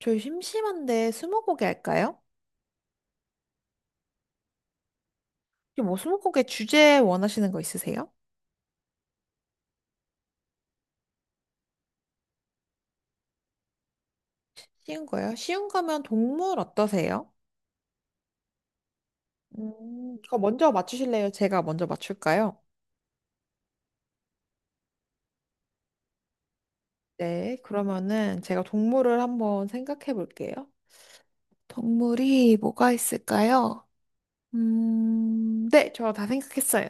저희 심심한데 스무고개 할까요? 혹시 뭐 스무고개 주제 원하시는 거 있으세요? 쉬운 거요? 쉬운 거면 동물 어떠세요? 그거 먼저 맞추실래요? 제가 먼저 맞출까요? 네, 그러면은 제가 동물을 한번 생각해 볼게요. 동물이 뭐가 있을까요? 네, 저 다 생각했어요.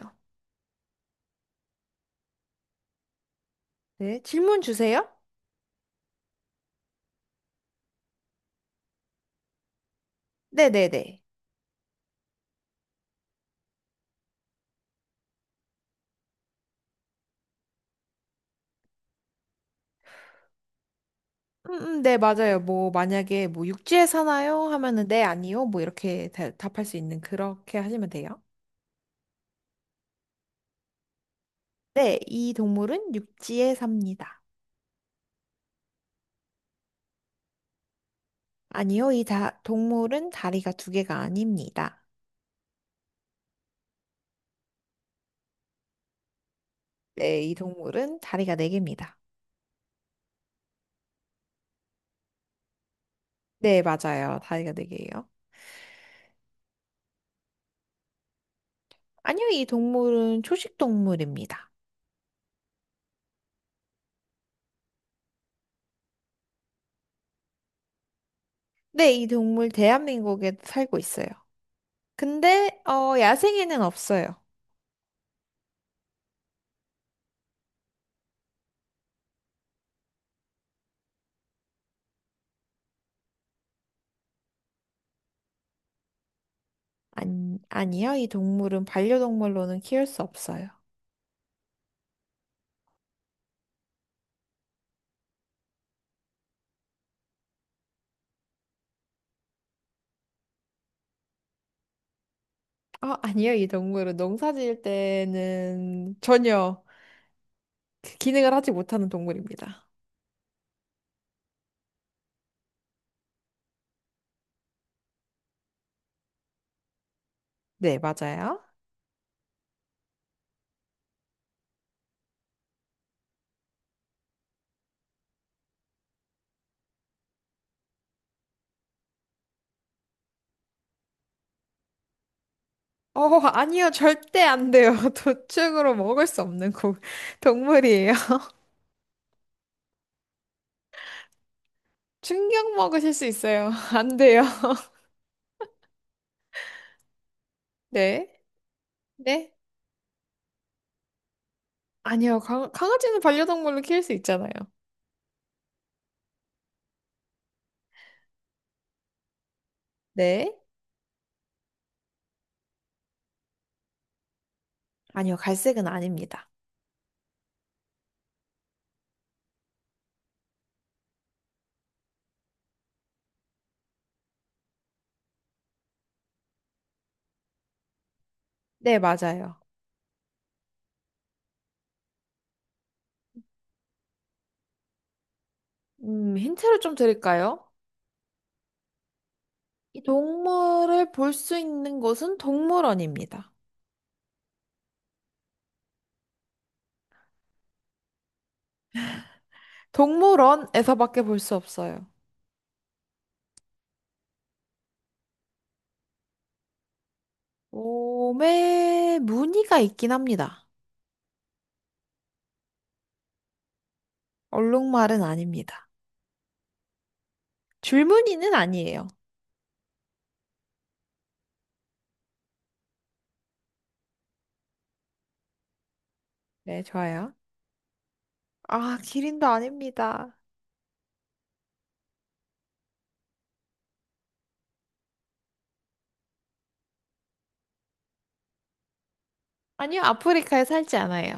네, 질문 주세요. 네네네. 네, 맞아요. 뭐, 만약에 뭐 육지에 사나요? 하면은 네, 아니요. 뭐 이렇게 답할 수 있는 그렇게 하시면 돼요. 네, 이 동물은 육지에 삽니다. 아니요, 이 동물은 다리가 두 개가 아닙니다. 네, 이 동물은 다리가 네 개입니다. 네, 맞아요. 다리가 네 개예요. 아니요, 이 동물은 초식 동물입니다. 네, 이 동물 대한민국에 살고 있어요. 근데, 야생에는 없어요. 안, 아니요, 이 동물은 반려동물로는 키울 수 없어요. 아, 아니요, 이 동물은 농사 지을 때는 전혀 그 기능을 하지 못하는 동물입니다. 네, 맞아요. 어, 아니요, 절대 안 돼요. 도축으로 먹을 수 없는 동물이에요. 충격 먹으실 수 있어요. 안 돼요. 네. 네. 아니요, 강아지는 반려동물로 키울 수 있잖아요. 네. 아니요, 갈색은 아닙니다. 네, 맞아요. 힌트를 좀 드릴까요? 이 동물을 볼 수 있는 곳은 동물원입니다. 동물원에서밖에 볼 수 없어요. 몸에 무늬가 있긴 합니다. 얼룩말은 아닙니다. 줄무늬는 아니에요. 네, 좋아요. 아, 기린도 아닙니다. 아니요, 아프리카에 살지 않아요.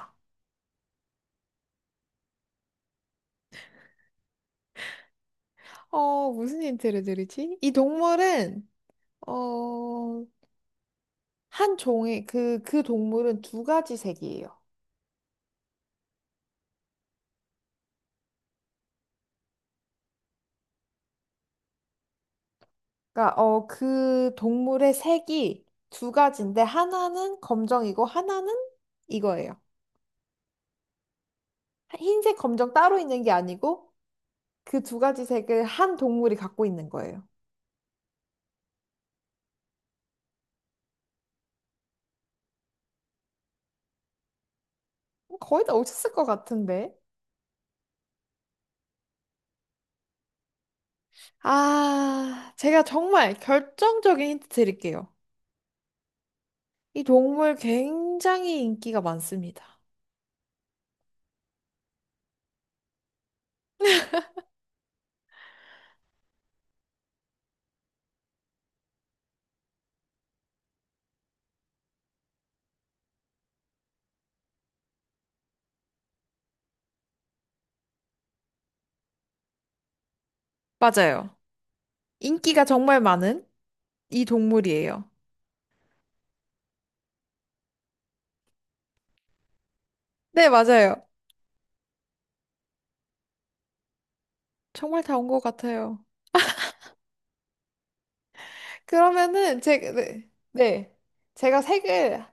무슨 힌트를 드리지? 이 동물은, 어, 그 동물은 2가지 색이에요. 그러니까, 그 동물의 색이 두 가지인데, 하나는 검정이고, 하나는 이거예요. 흰색, 검정 따로 있는 게 아니고, 그 2가지 색을 한 동물이 갖고 있는 거예요. 거의 다 오셨을 것 같은데. 아, 제가 정말 결정적인 힌트 드릴게요. 이 동물 굉장히 인기가 많습니다. 맞아요. 인기가 정말 많은 이 동물이에요. 네, 맞아요. 정말 다 온 것 같아요. 그러면은 제가 네, 네. 제가 색을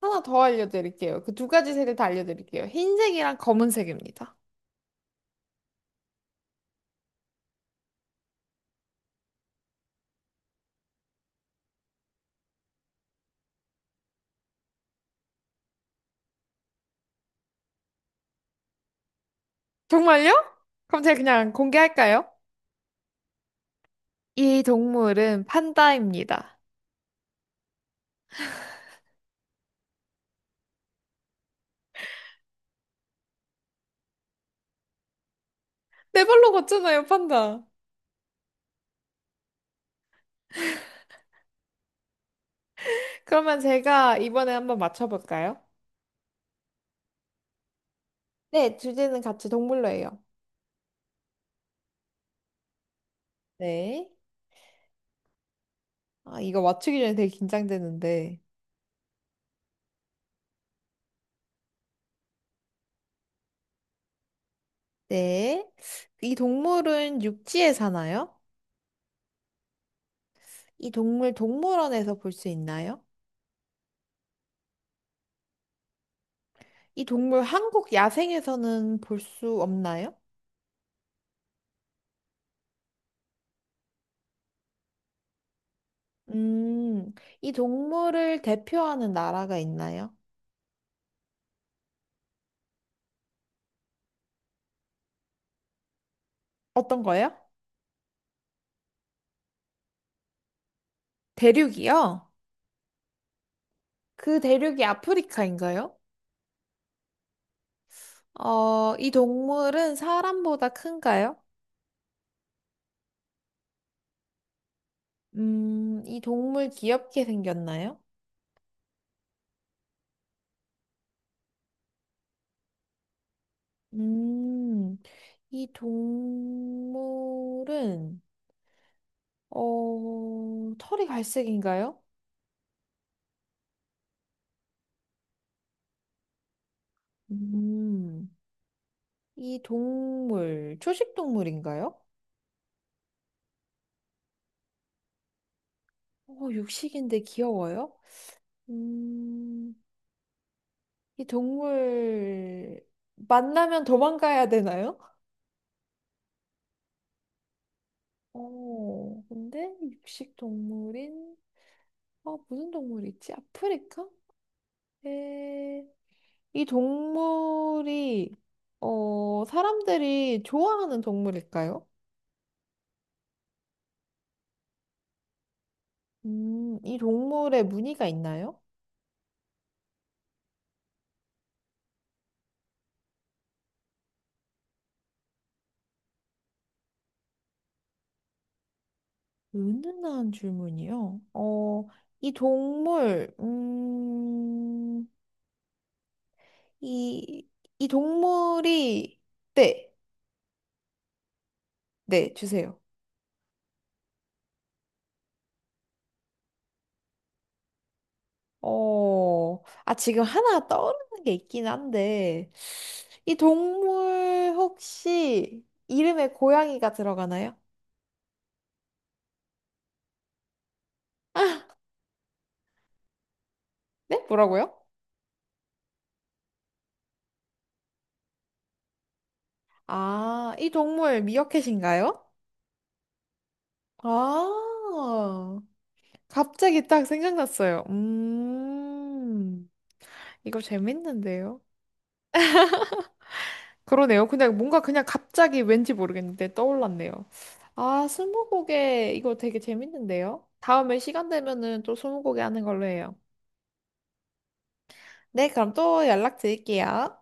하나 더 알려드릴게요. 그 두 가지 색을 다 알려드릴게요. 흰색이랑 검은색입니다. 정말요? 그럼 제가 그냥 공개할까요? 이 동물은 판다입니다. 네 발로 걷잖아요, 판다. 그러면 제가 이번에 한번 맞춰볼까요? 네, 주제는 같이 동물로 해요. 네. 아, 이거 맞추기 전에 되게 긴장되는데. 네. 이 동물은 육지에 사나요? 이 동물 동물원에서 볼 수 있나요? 이 동물 한국 야생에서는 볼 수 없나요? 음, 이 동물을 대표하는 나라가 있나요? 어떤 거요? 대륙이요? 그 대륙이 아프리카인가요? 이 동물은 사람보다 큰가요? 이 동물 귀엽게 생겼나요? 음, 이 동물은, 털이 갈색인가요? 음, 이 동물, 초식 동물인가요? 육식인데 귀여워요? 음, 이 동물, 만나면 도망가야 되나요? 근데 육식 동물인, 무슨 동물이 있지? 아프리카? 에, 이 동물이, 사람들이 좋아하는 동물일까요? 이 동물에 무늬가 있나요? 은은한 줄무늬요? 이 동물, 이, 이 동물이, 네, 네, 주세요. 아, 지금 하나 떠오르는 게 있긴 한데, 이 동물 혹시 이름에 고양이가 들어가나요? 네? 뭐라고요? 아, 이 동물 미어캣인가요? 아, 갑자기 딱 생각났어요. 이거 재밌는데요? 그러네요. 그냥 뭔가 그냥 갑자기 왠지 모르겠는데 떠올랐네요. 아, 스무고개 이거 되게 재밌는데요? 다음에 시간 되면은 또 스무고개 하는 걸로 해요. 네, 그럼 또 연락드릴게요.